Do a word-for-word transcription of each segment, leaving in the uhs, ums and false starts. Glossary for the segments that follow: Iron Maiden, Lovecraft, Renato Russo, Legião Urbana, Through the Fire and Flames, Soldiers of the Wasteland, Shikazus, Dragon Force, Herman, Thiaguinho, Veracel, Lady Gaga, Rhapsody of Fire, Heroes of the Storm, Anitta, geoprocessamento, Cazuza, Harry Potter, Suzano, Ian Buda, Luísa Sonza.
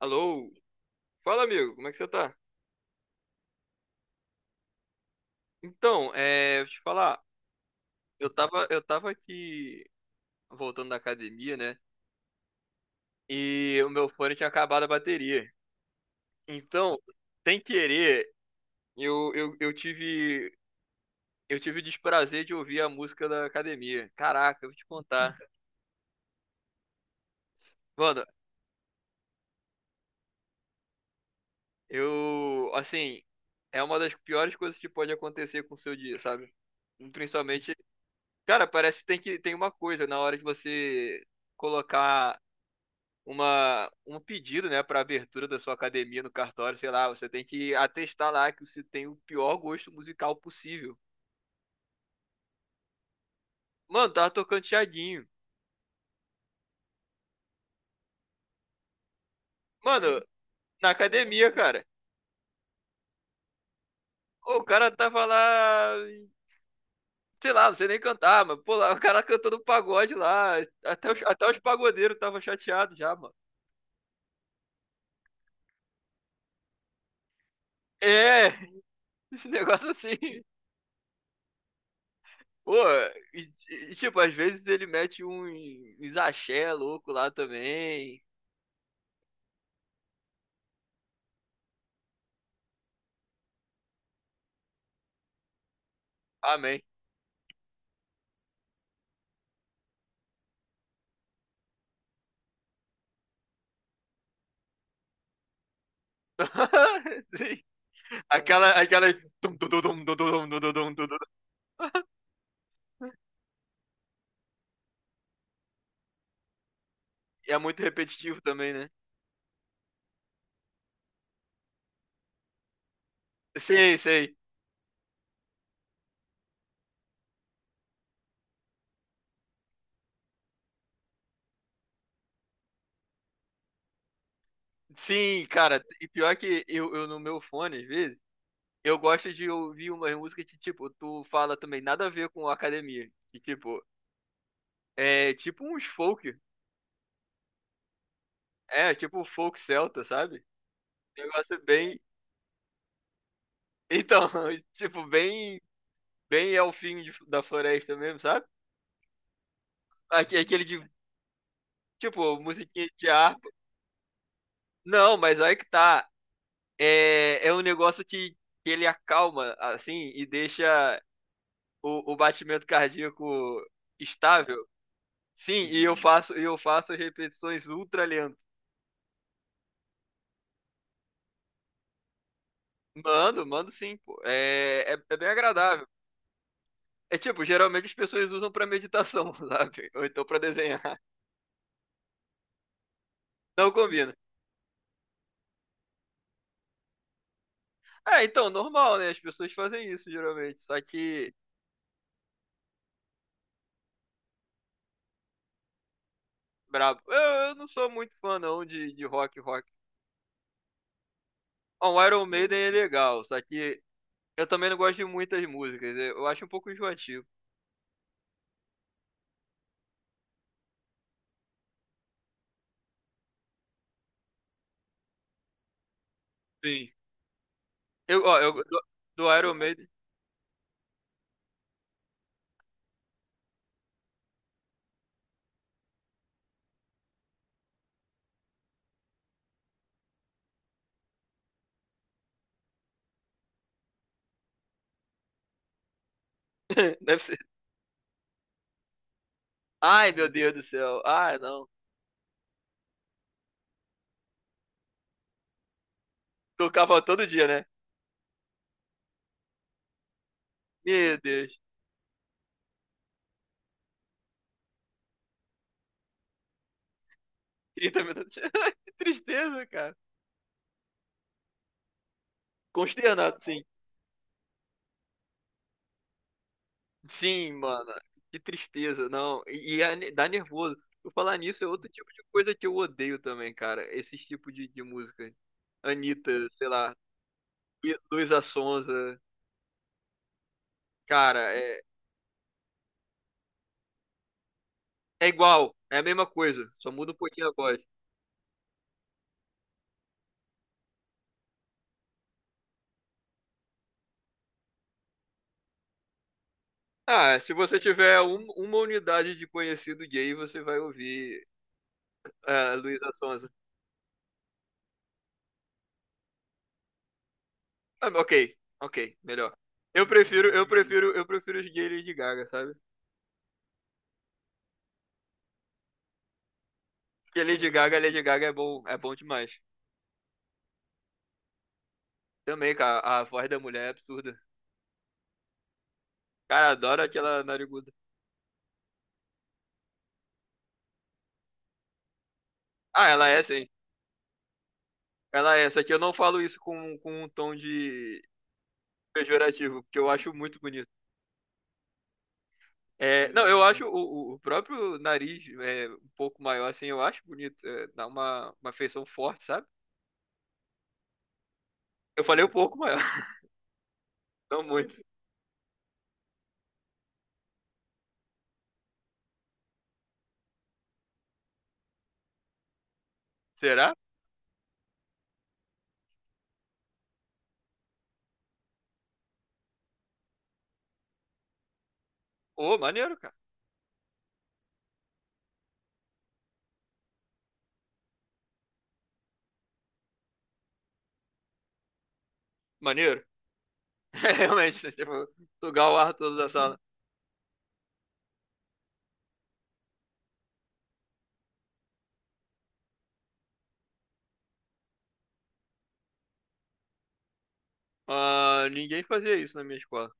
Alô? Fala, amigo, como é que você tá? Então, é, deixa eu te falar, eu tava, eu tava aqui voltando da academia, né? E o meu fone tinha acabado a bateria. Então, sem querer, eu, eu, eu tive, eu tive o desprazer de ouvir a música da academia. Caraca, eu vou te contar. Mano, eu, assim, é uma das piores coisas que pode acontecer com o seu dia, sabe? Principalmente, cara, parece que tem que tem uma coisa na hora de você colocar uma, um pedido, né, para abertura da sua academia no cartório, sei lá, você tem que atestar lá que você tem o pior gosto musical possível. Mano, tava tocando Thiaguinho. Mano, na academia, cara. O cara tava lá, sei lá, não sei nem cantar, mas pô, lá, o cara cantando pagode lá. Até os, até os pagodeiros tava chateado já, mano. É, esse negócio assim. Pô, e, e, tipo, às vezes ele mete um, um axé louco lá também. Amém. Aquela, aquela. Tum, tum, tum, tum, tum, tum, tum, tum, tum, tum. É muito repetitivo também, né? Sei, sei. Sim, cara. E pior que eu, eu no meu fone, às vezes, eu gosto de ouvir umas músicas que, tipo, tu fala também nada a ver com a academia. E, tipo, é tipo uns folk. É, tipo um folk celta, sabe? Um negócio bem. Então, tipo, bem. Bem é fim de- da floresta mesmo, sabe? Aque- Aquele de. Tipo, musiquinha de harpa. Não, mas aí que tá. é, é um negócio que, que ele acalma, assim, e deixa o, o batimento cardíaco estável. Sim, e eu faço, e eu faço repetições ultra lentas. Mando, mando sim, pô. É, é, é bem agradável. É tipo, geralmente as pessoas usam pra meditação, sabe? Ou então pra desenhar. Não combina. É, então, normal, né? As pessoas fazem isso geralmente. Só que, brabo. Eu, eu não sou muito fã, não, de, de rock, rock. Ó, o Iron Maiden é legal, só que eu também não gosto de muitas músicas. Eu acho um pouco enjoativo. Sim. Eu, ó, eu, do, do Iron Maiden. Deve ser. Ai, meu Deus do céu. Ai, não. Tocava todo dia, né? Meu Deus. Trinta minutos. Que tristeza, cara. Consternado, sim. Sim, mano. Que tristeza, não. E, e é- ne- dá nervoso. Por falar nisso, é outro tipo de coisa que eu odeio também, cara. Esse tipo de, de música. Anitta, sei lá. Lu- Luísa Sonza. Cara, é. É igual, é a mesma coisa, só muda um pouquinho a voz. Ah, se você tiver um- uma unidade de conhecido gay, você vai ouvir ah, a Luísa Sonza. Ah, ok, ok, melhor. Eu prefiro, eu prefiro, eu prefiro os gays Lady Gaga, sabe? Porque Lady Gaga, Lady Gaga é bom, é bom demais. Também, cara, a voz da mulher é absurda. Cara, adoro aquela nariguda. Ah, ela é sim. Ela é, só que eu não falo isso com, com, um tom de pejorativo, porque eu acho muito bonito. É, não, eu acho o, o próprio nariz é, um pouco maior, assim, eu acho bonito. É, dá uma, uma feição forte, sabe? Eu falei um pouco maior, não muito. Será? Ô, maneiro, cara. Maneiro. É, realmente, né, tipo, sugar o ar todo da sala. Ah, ninguém fazia isso na minha escola.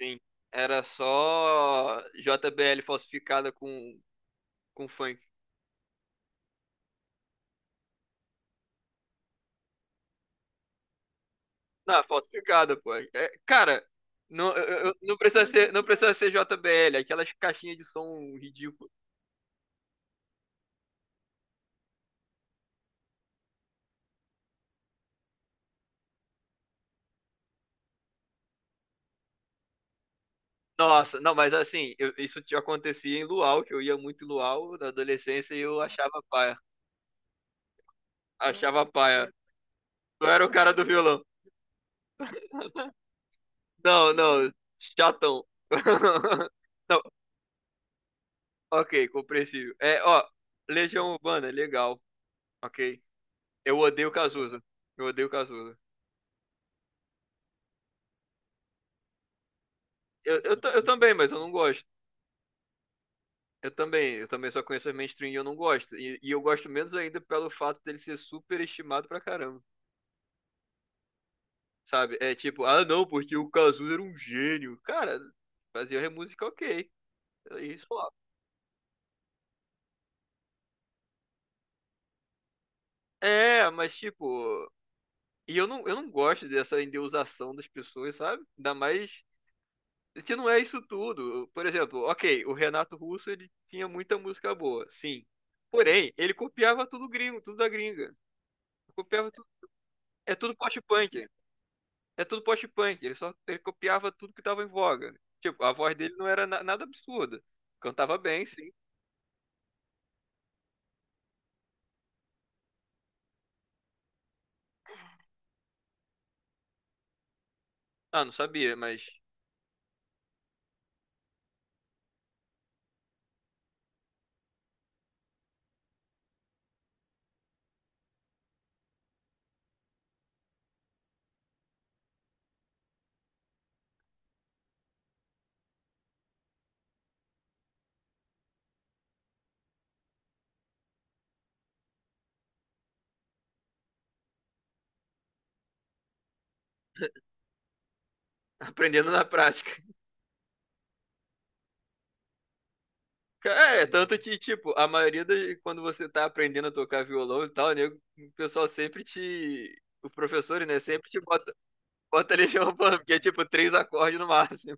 Sim. Era só J B L falsificada com, com, funk. Não, falsificada, pô. É, cara, não, eu- eu- não precisa ser, não precisa ser J B L, aquelas caixinhas de som ridículas. Nossa, não, mas assim, eu- isso te acontecia em Luau, que eu ia muito em Luau na adolescência e eu achava paia. Achava paia. Eu era o cara do violão. Não, não, chatão. Não, ok, compreensível. É, ó, Legião Urbana, legal, ok. Eu odeio Cazuza. Eu odeio Cazuza. Eu, eu, ta- eu também, mas eu não gosto. Eu também, eu também só conheço as mainstream e eu não gosto. E, e eu gosto menos ainda pelo fato dele ser super estimado pra caramba. Sabe? É tipo, ah não, porque o Cazuza era um gênio. Cara, fazia música ok. Isso lá. É, mas tipo, e eu não, eu não gosto dessa endeusação das pessoas, sabe? Ainda mais que não é isso tudo. Por exemplo, ok, o Renato Russo ele tinha muita música boa, sim. Porém, ele copiava tudo gringo, tudo da gringa. Copiava tudo, é tudo post-punk. É tudo post-punk. Ele só ele copiava tudo que tava em voga. Tipo, a voz dele não era na- nada absurda. Cantava bem, sim. Ah, não sabia, mas aprendendo na prática. É, tanto que, tipo, a maioria das, quando você tá aprendendo a tocar violão e tal, nego, o pessoal sempre te. Os professores, né, sempre te bota, bota Legião Urbana, porque é tipo três acordes no máximo.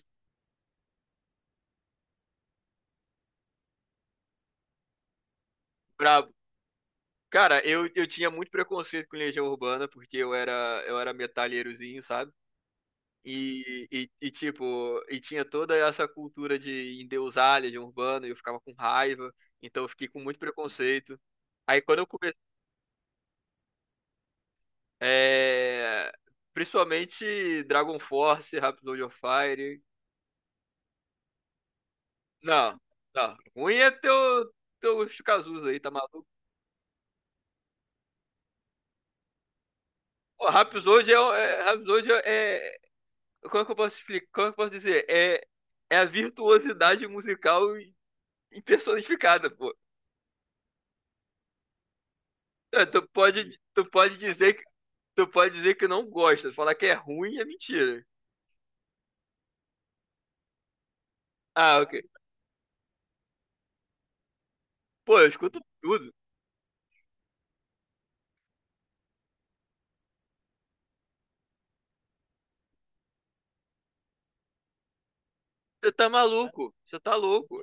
Brabo. Cara, eu, eu tinha muito preconceito com Legião Urbana, porque eu era, eu era metalheirozinho, sabe? E, e, e, tipo, e tinha toda essa cultura de endeusar Legião Urbana, e eu ficava com raiva, então eu fiquei com muito preconceito. Aí quando eu É, principalmente Dragon Force, Rhapsody of Fire. Não, não. Ruim é teu, teu Shikazus aí, tá maluco? Pô, Rhapsody é, o- é, Rhapsody é. Como é que eu posso explicar? Como é que eu posso dizer? É, é a virtuosidade musical em- em personificada, pô. É, Tu pode, tu pode dizer que, tu pode dizer que não gosta. Falar que é ruim é mentira. Ah, ok. Pô, eu escuto tudo. Você tá maluco. Você tá louco.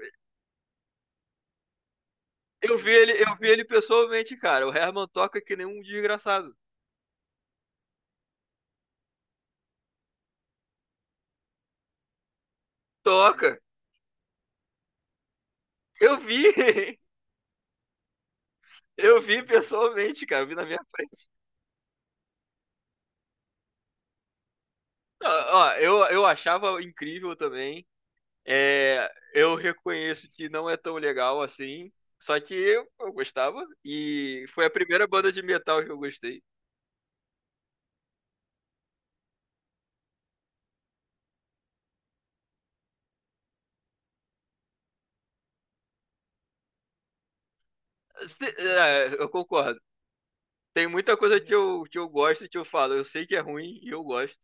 Eu vi ele, eu vi ele pessoalmente, cara. O Herman toca que nem um desgraçado. Toca. Eu vi. Eu vi pessoalmente, cara. Eu vi na minha frente. Ó, ó, eu, eu achava incrível também. É, eu reconheço que não é tão legal assim. Só que eu, eu gostava. E foi a primeira banda de metal que eu gostei. Se- é, eu concordo. Tem muita coisa que eu, que eu gosto e que eu falo. Eu sei que é ruim e eu gosto.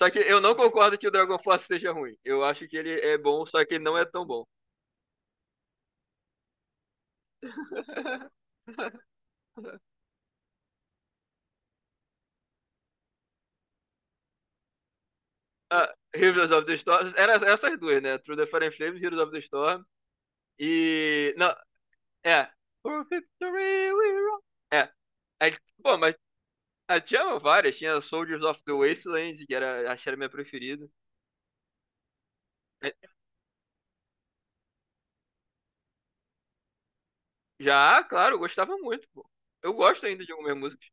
Só que eu não concordo que o Dragon Force seja ruim. Eu acho que ele é bom, só que ele não é tão bom. Ah, Heroes of the Storm. Era essas duas, né? Through the Fire and Flames, Heroes of the Storm. E. Não, é. For victory we roll. É. Aí, pô, mas ah, tinha várias. Tinha Soldiers of the Wasteland, que era, acho que era a minha preferida. É, já, claro, eu gostava muito, pô. Eu gosto ainda de algumas músicas.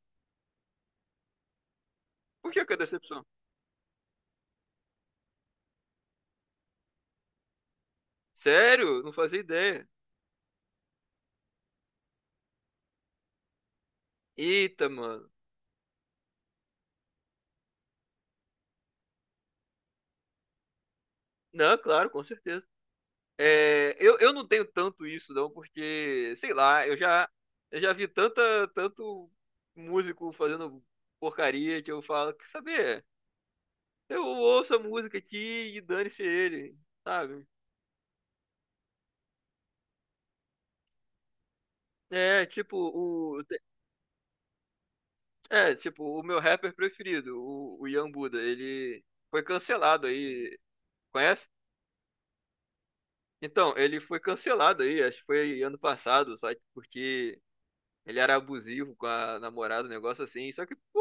Por que que é decepção? Sério? Não fazia ideia. Eita, mano. Não, claro, com certeza. É, eu, eu não tenho tanto isso, não, porque, sei lá, eu já, eu já vi tanta, tanto músico fazendo porcaria que eu falo, quer saber? Eu ouço a música aqui e dane-se ele, sabe? É, tipo, o, é, tipo, o meu rapper preferido, o, o Ian Buda, ele foi cancelado aí, conhece? Então, ele foi cancelado aí, acho que foi ano passado, só que porque ele era abusivo com a namorada, um negócio assim. Só que, pô,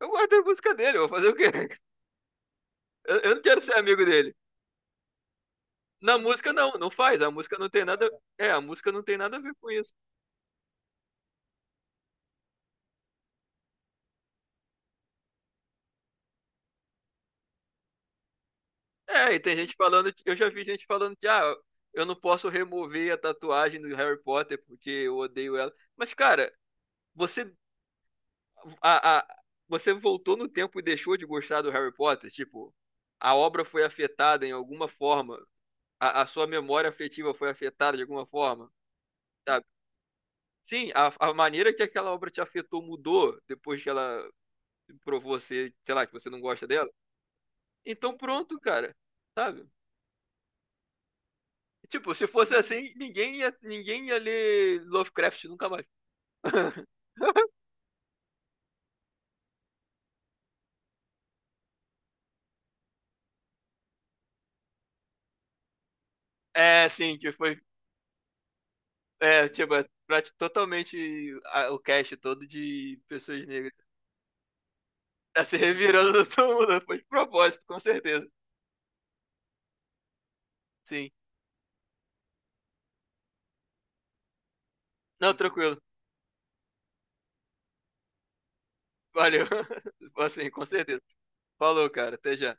eu gosto da música dele, eu vou fazer o quê? Eu, eu não quero ser amigo dele. Na música não, não faz. A música não tem nada. É, a música não tem nada a ver com isso. É, e tem gente falando, eu já vi gente falando que ah, eu não posso remover a tatuagem do Harry Potter porque eu odeio ela. Mas cara, você a, a, você voltou no tempo e deixou de gostar do Harry Potter, tipo, a obra foi afetada em alguma forma, a, a sua memória afetiva foi afetada de alguma forma. Sim, a, a maneira que aquela obra te afetou mudou depois que ela provou você, sei lá, que você não gosta dela. Então pronto, cara. Sabe? Tipo, se fosse assim, ninguém ia, ninguém ia ler Lovecraft nunca mais. É, sim, que foi, é, tipo, é prati- totalmente a- o cast todo de pessoas negras. Tá se revirando todo mundo, né? Foi de propósito, com certeza. Sim. Não, tranquilo. Valeu. Assim, com certeza. Falou, cara. Até já.